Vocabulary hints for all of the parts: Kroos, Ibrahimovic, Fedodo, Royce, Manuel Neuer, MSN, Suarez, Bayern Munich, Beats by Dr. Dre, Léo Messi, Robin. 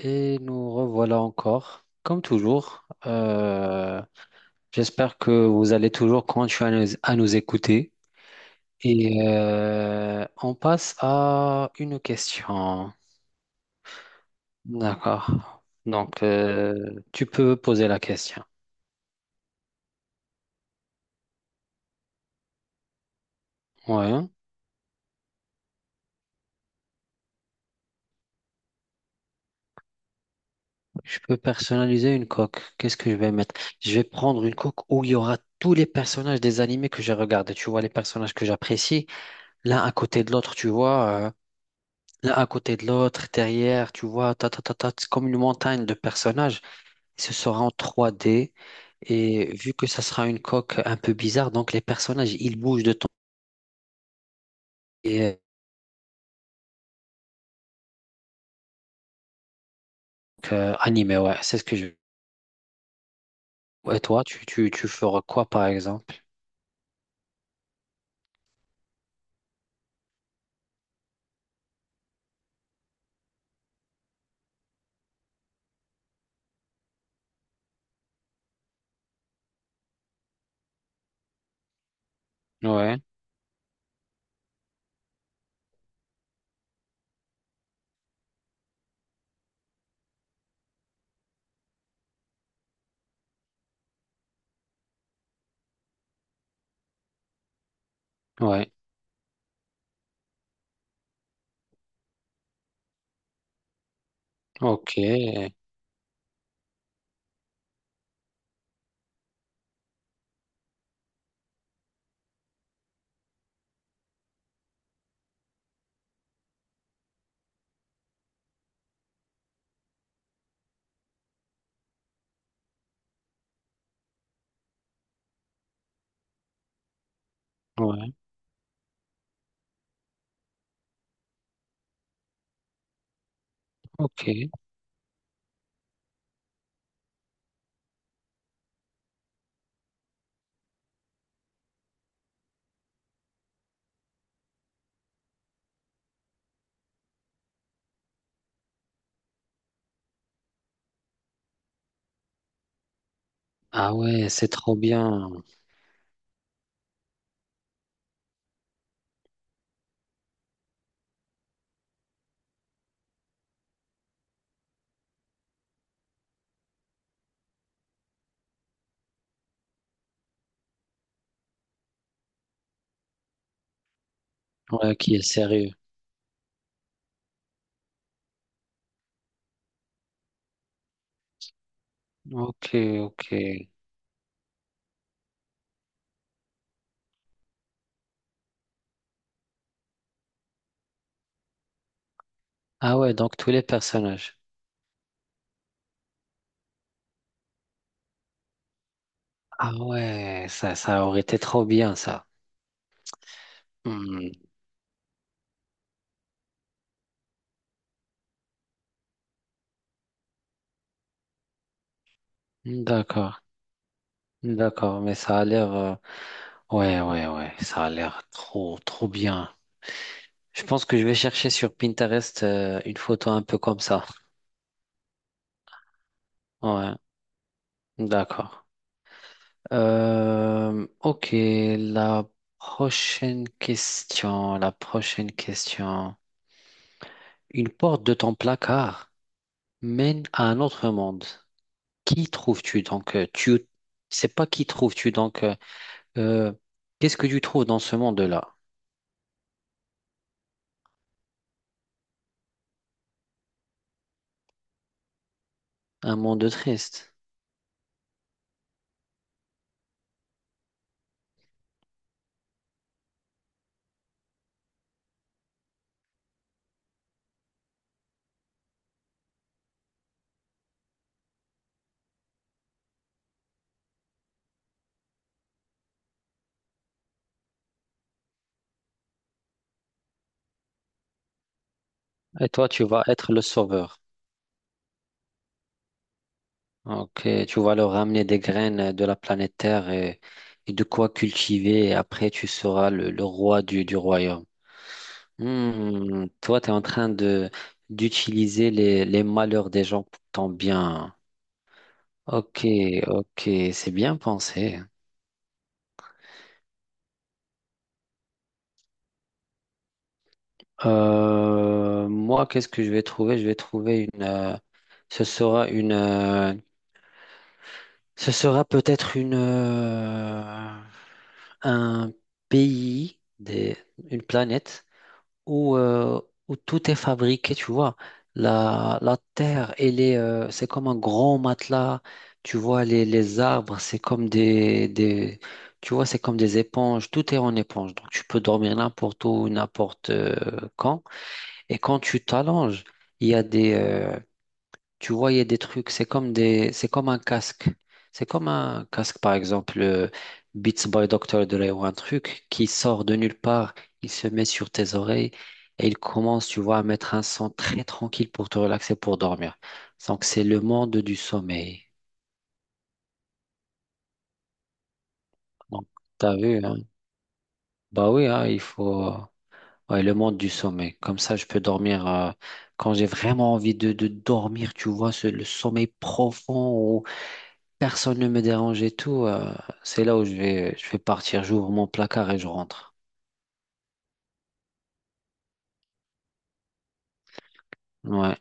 Et nous revoilà encore, comme toujours. J'espère que vous allez toujours continuer à nous écouter. Et on passe à une question. D'accord. Donc, tu peux poser la question. Ouais. Je peux personnaliser une coque. Qu'est-ce que je vais mettre? Je vais prendre une coque où il y aura tous les personnages des animés que j'ai regardés. Tu vois, les personnages que j'apprécie, l'un à côté de l'autre, tu vois. L'un à côté de l'autre, derrière, tu vois, ta, ta, ta, ta, c'est comme une montagne de personnages. Ce sera en trois d. Et vu que ça sera une coque un peu bizarre, donc les personnages, ils bougent de ton. Et donc, animé, ouais, c'est ce que je. Et toi, tu feras quoi, par exemple? Ouais, ouais, ok, ouais, ok. Ah ouais, c'est trop bien. Ouais, qui est sérieux. Ok, ok. Ah ouais, donc tous les personnages. Ah ouais, ça aurait été trop bien, ça. Hmm. D'accord, d'accord, mais ça a l'air, ouais, ouais, ouais, ça a l'air trop, trop bien. Je pense que je vais chercher sur Pinterest une photo un peu comme ça. Ouais, d'accord. Ok, la prochaine question. Une porte de ton placard mène à un autre monde. Qui trouves-tu donc, tu c'est pas qui trouves-tu donc, euh, qu'est-ce que tu trouves dans ce monde-là? Un monde triste. Et toi, tu vas être le sauveur. Ok, tu vas leur ramener des graines de la planète Terre et de quoi cultiver. Et après, tu seras le roi du royaume. Hmm, toi, tu es en train de d'utiliser les malheurs des gens pour ton bien. Ok, ok, c'est bien pensé. Moi, qu'est-ce que je vais trouver? Je vais trouver une. Ce sera une. euh, ce sera peut-être une. Un pays, des, une planète où, euh, où tout est fabriqué, tu vois. La terre, elle est, c'est comme un grand matelas. Tu vois, les arbres, c'est comme des. Tu vois, c'est comme des éponges. Tout est en éponge. Donc, tu peux dormir n'importe où, n'importe quand. Et quand tu t'allonges, il y a des, tu vois, il y a des trucs, c'est comme des, c'est comme un casque. C'est comme un casque, par exemple, Beats by Dr. Dre ou un truc qui sort de nulle part, il se met sur tes oreilles et il commence, tu vois, à mettre un son très tranquille pour te relaxer, pour dormir. Donc, c'est le monde du sommeil. Donc, t'as vu, hein? Bah oui, hein, il faut. Ouais, le monde du sommeil. Comme ça, je peux dormir quand j'ai vraiment envie de dormir, tu vois, le sommeil profond où personne ne me dérange et tout. C'est là où je vais partir. J'ouvre mon placard et je rentre. Ouais.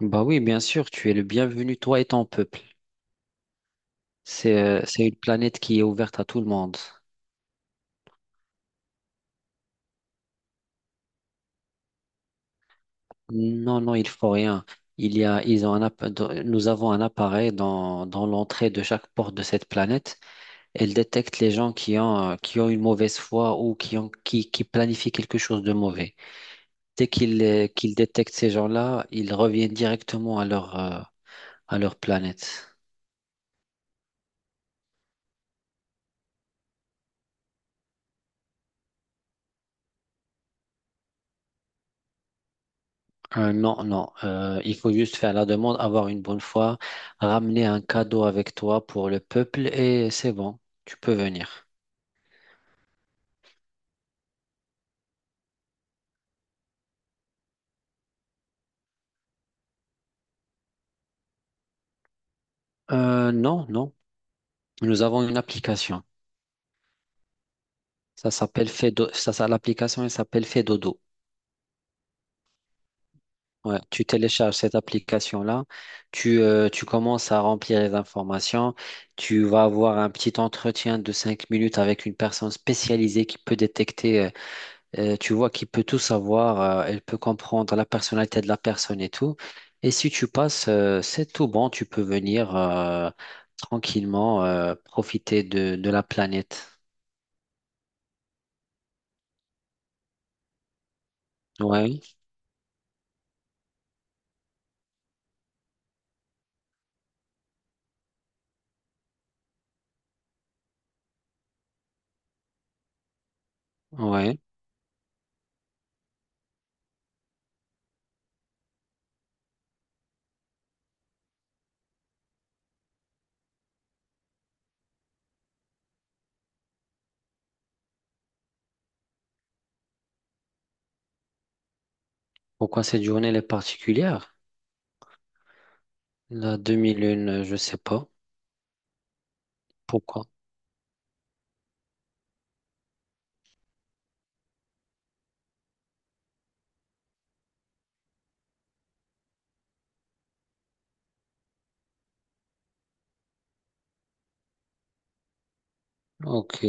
Bah oui, bien sûr, tu es le bienvenu, toi et ton peuple. C'est une planète qui est ouverte à tout le monde. Non, non, il faut rien. Il y a, ils ont un, app- dans- Nous avons un appareil dans l'entrée de chaque porte de cette planète. Elle détecte les gens qui ont une mauvaise foi ou qui planifient quelque chose de mauvais. Dès qu'ils détectent ces gens-là, ils reviennent directement à leur planète. Non, non, il faut juste faire la demande, avoir une bonne foi, ramener un cadeau avec toi pour le peuple et c'est bon, tu peux venir. Non, non, nous avons une application. Ça s'appelle Fedo, ça, l'application elle s'appelle Fedodo. Ouais, tu télécharges cette application-là, tu commences à remplir les informations, tu vas avoir un petit entretien de 5 minutes avec une personne spécialisée qui peut détecter, tu vois, qui peut tout savoir, elle peut comprendre la personnalité de la personne et tout. Et si tu passes, c'est tout bon, tu peux venir tranquillement profiter de la planète. Ouais, ouais. Pourquoi cette journée elle est particulière? La demi-lune, je sais pas. Pourquoi? Ok.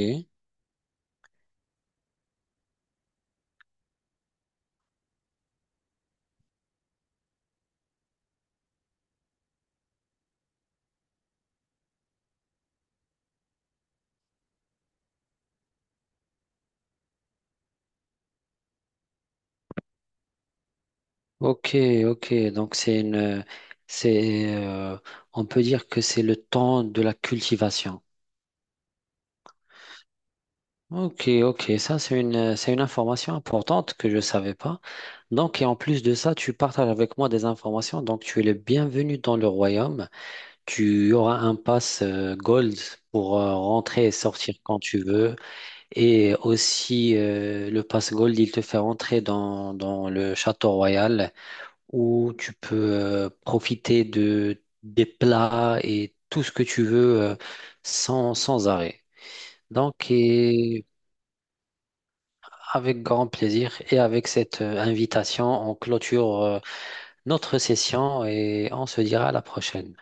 Ok, ok. Donc c'est, euh, on peut dire que c'est le temps de la cultivation. Ok, ok. Ça c'est une information importante que je savais pas. Donc et en plus de ça, tu partages avec moi des informations. Donc tu es le bienvenu dans le royaume. Tu auras un pass gold pour rentrer et sortir quand tu veux. Et aussi le pass gold, il te fait rentrer dans le château royal. Où tu peux profiter des plats et tout ce que tu veux sans arrêt. Donc, et avec grand plaisir et avec cette invitation, on clôture notre session et on se dira à la prochaine.